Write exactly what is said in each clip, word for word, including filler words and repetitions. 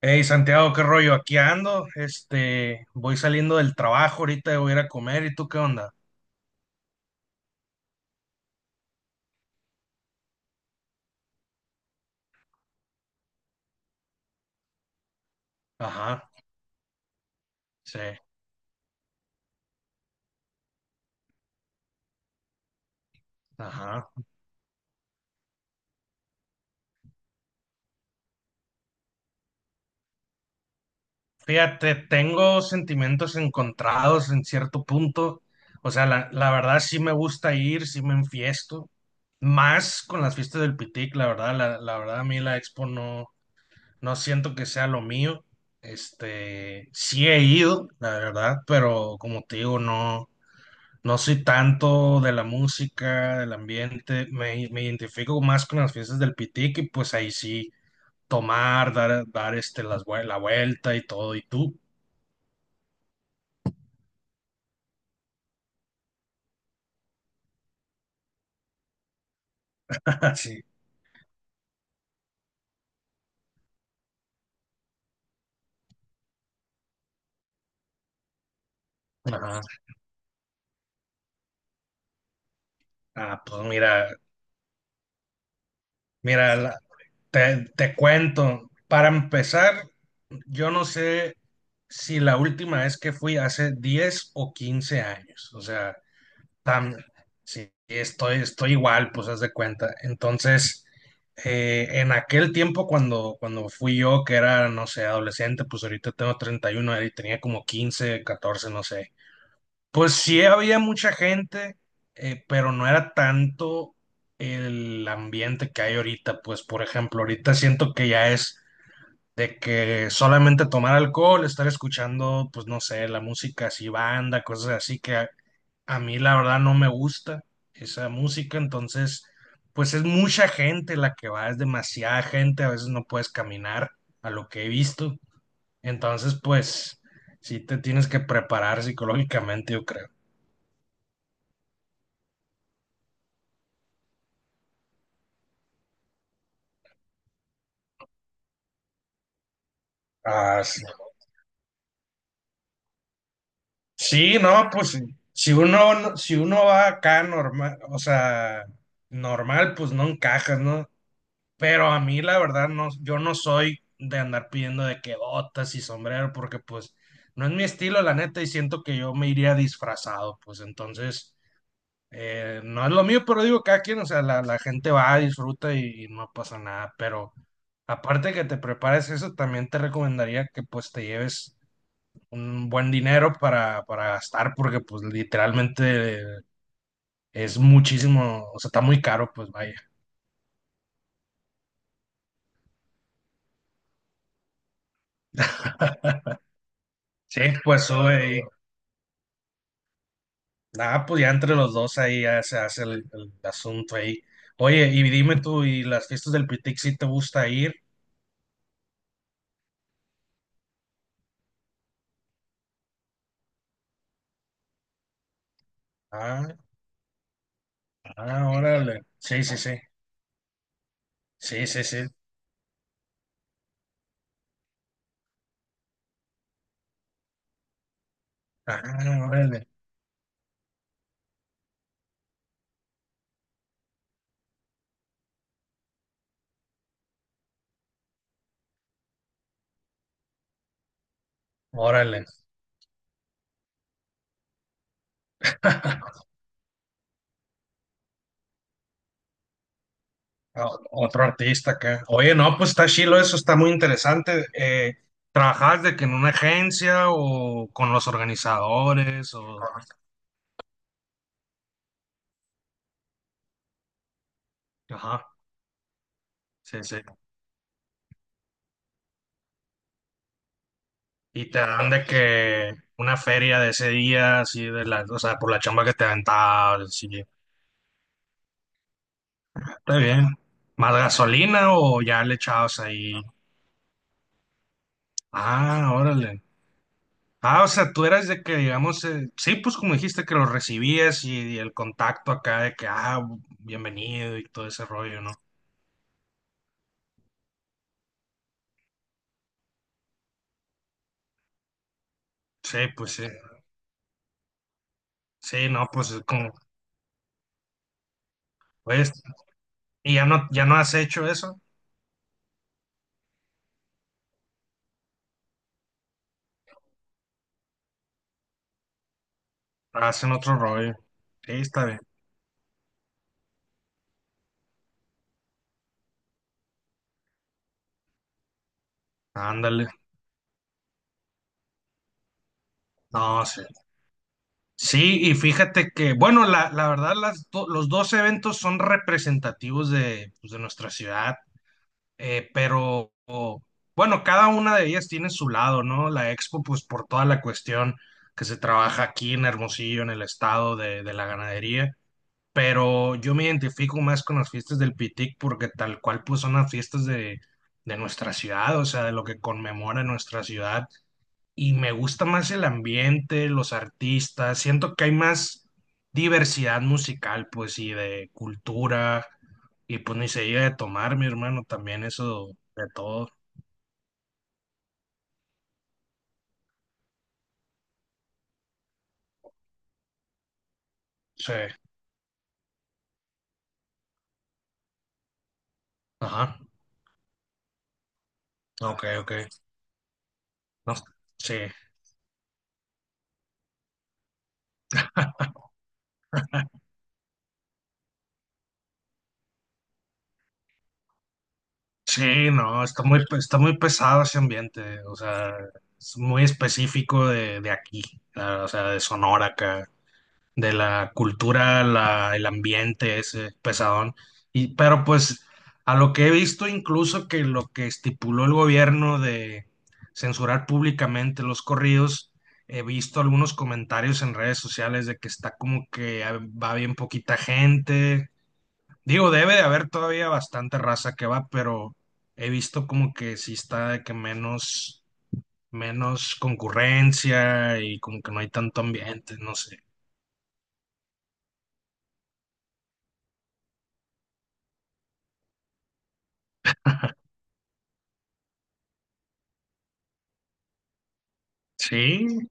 Hey Santiago, qué rollo, aquí ando, este, voy saliendo del trabajo, ahorita voy a ir a comer, ¿y tú qué onda? Ajá, sí, ajá. Fíjate, tengo sentimientos encontrados en cierto punto, o sea, la, la verdad sí me gusta ir, sí me enfiesto, más con las fiestas del Pitic, la verdad, la, la verdad a mí la Expo no, no siento que sea lo mío, este, sí he ido, la verdad, pero como te digo, no. No soy tanto de la música, del ambiente, me, me identifico más con las fiestas del Pitique, pues ahí sí, tomar, dar, dar este, las, vue- la vuelta y todo, y tú. Sí. Ajá. Ah, pues mira. mira, la- te, te cuento, para empezar, yo no sé si la última vez que fui hace diez o quince años, o sea. Tam- sí, estoy, estoy igual, pues haz de cuenta. Entonces, eh, en aquel tiempo cuando, cuando fui yo, que era, no sé, adolescente, pues ahorita tengo treinta y uno y tenía como quince catorce, no sé. Pues sí había mucha gente, eh, pero no era tanto el ambiente que hay ahorita. Pues, por ejemplo, ahorita siento que ya es de que solamente tomar alcohol, estar escuchando, pues no sé, la música así, banda, cosas así que a mí la verdad no me gusta esa música, entonces pues es mucha gente la que va, es demasiada gente, a veces no puedes caminar a lo que he visto, entonces pues sí te tienes que preparar psicológicamente, yo creo. Ah, sí. Sí, no, pues si uno, no- si uno va acá normal, o sea, normal, pues no encajas, ¿no? Pero a mí la verdad no, yo no soy de andar pidiendo de que botas y sombrero, porque pues no es mi estilo, la neta, y siento que yo me iría disfrazado, pues entonces eh, no es lo mío, pero digo, cada quien, o sea, la, la gente va, disfruta y, y no pasa nada, pero aparte que te prepares eso, también te recomendaría que pues te lleves un buen dinero para, para gastar, porque pues literalmente es muchísimo, o sea, está muy caro, pues vaya. Sí, pues sube. Ah, pues ya entre los dos ahí ya se hace el, el asunto ahí. Oye, y dime tú, ¿y las fiestas del Pitic si te gusta ir? Ah, ah, órale. Sí, sí, sí. Sí, sí, sí. Ah, órale. Órale. Ah, otro artista acá. Oye, no, pues está chilo eso, está muy interesante. Eh, ¿trabajas de que en una agencia o con los organizadores? O... Ajá, sí, sí. Y te dan de que una feria de ese día, así de la, o sea, por la chamba que te aventabas, así, está bien. ¿Más gasolina o ya le echabas ahí? Ah, órale. Ah, o sea, tú eras de que, digamos, eh, sí, pues como dijiste que lo recibías y, y el contacto acá de que, ah, bienvenido y todo ese rollo, ¿no? Sí, pues sí. Sí, no, pues es como, pues, y ya no, ya no has hecho eso, hacen otro rollo. Sí, está bien. Ándale. No, sí. Sí, y fíjate que, bueno, la, la verdad, las do- los dos eventos son representativos de, pues, de nuestra ciudad, eh, pero o- bueno, cada una de ellas tiene su lado, ¿no? La Expo, pues por toda la cuestión que se trabaja aquí en Hermosillo, en el estado de, de la ganadería, pero yo me identifico más con las fiestas del Pitic porque tal cual, pues son las fiestas de, de nuestra ciudad, o sea, de lo que conmemora nuestra ciudad y me gusta más el ambiente, los artistas, siento que hay más diversidad musical, pues, y de cultura, y pues ni se diga de tomar, mi hermano, también eso de todo. Sí, ajá, ok, ok, no, sí. Sí, no, está muy, pe- está muy pesado ese ambiente, o sea, es muy específico de, de aquí, la- o sea, de Sonora acá, de la cultura, la, el ambiente ese pesadón. Y, pero pues a lo que he visto incluso que lo que estipuló el gobierno de censurar públicamente los corridos, he visto algunos comentarios en redes sociales de que está como que ah, va bien poquita gente. Digo, debe de haber todavía bastante raza que va, pero he visto como que sí está de que menos, menos concurrencia y como que no hay tanto ambiente, no sé. Sí.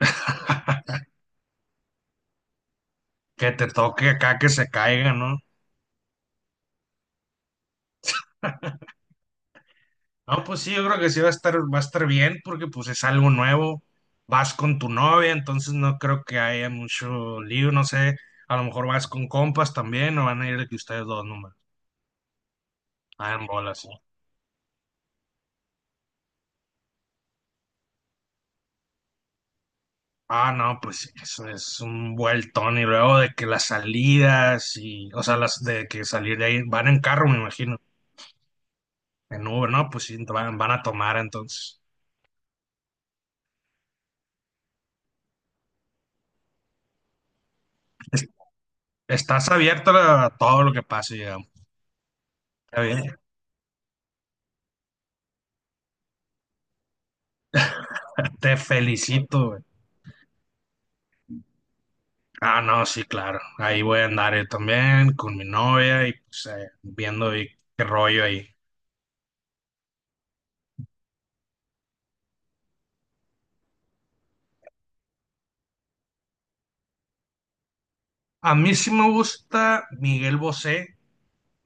Que te toque acá que se caiga, ¿no? No, pues sí, yo creo que sí va a estar, va a estar bien porque pues es algo nuevo. Vas con tu novia, entonces no creo que haya mucho lío, no sé. A lo mejor vas con compas también o van a ir de que ustedes dos nomás. Ah, en bolas, sí. Ah, no, pues sí, eso es un vueltón y luego de que las salidas y, o sea, las de que salir de ahí van en carro, me imagino. En Uber, no, pues sí, van, van a tomar entonces. Es- Estás abierto a todo lo que pase, digamos. Está bien. Te felicito, güey. Ah, no, sí, claro. Ahí voy a andar yo también con mi novia y pues eh, viendo ahí qué rollo ahí. A mí sí me gusta Miguel Bosé.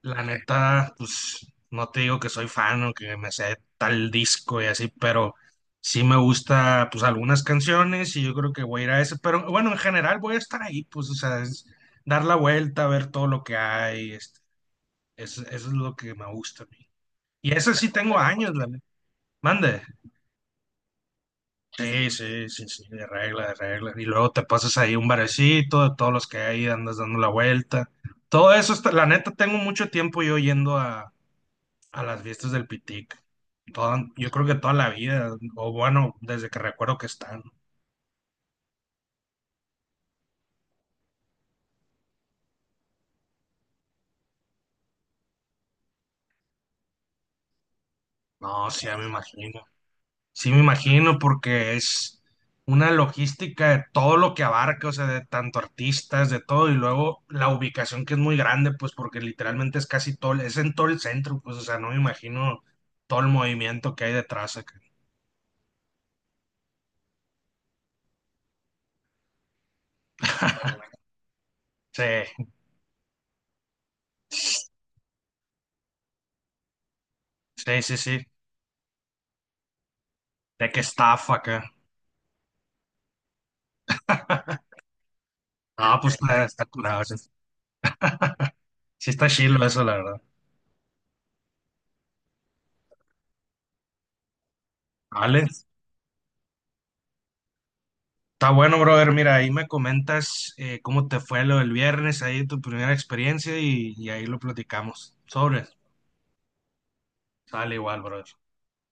La neta, pues no te digo que soy fan o que me sé tal disco y así, pero sí me gusta pues algunas canciones y yo creo que voy a ir a ese. Pero bueno, en general voy a estar ahí, pues, o sea, es dar la vuelta, ver todo lo que hay. Este, eso, eso es lo que me gusta a mí. Y ese sí tengo años, la neta. Mande. Sí, sí, sí, sí, de regla, de regla. Y luego te pasas ahí un barecito, de todos los que hay, andas dando la vuelta. Todo eso, está- la neta, tengo mucho tiempo yo yendo a, a, las fiestas del Pitic. Toda- yo creo que toda la vida, o bueno, desde que recuerdo que están. No, sí, ya me imagino. Sí, me imagino, porque es una logística de todo lo que abarca, o sea, de tanto artistas, de todo, y luego la ubicación que es muy grande, pues porque literalmente es casi todo, el- es en todo el centro, pues, o sea, no me imagino todo el movimiento que hay detrás acá. Sí, sí, sí, sí, de qué estafa acá. Ah, pues está, está curado, sí, sí está chilo eso, la verdad. Vale, está bueno, brother, mira, ahí me comentas eh, cómo te fue lo del viernes, ahí tu primera experiencia, y, y ahí lo platicamos. Sobre. Sale igual, bro.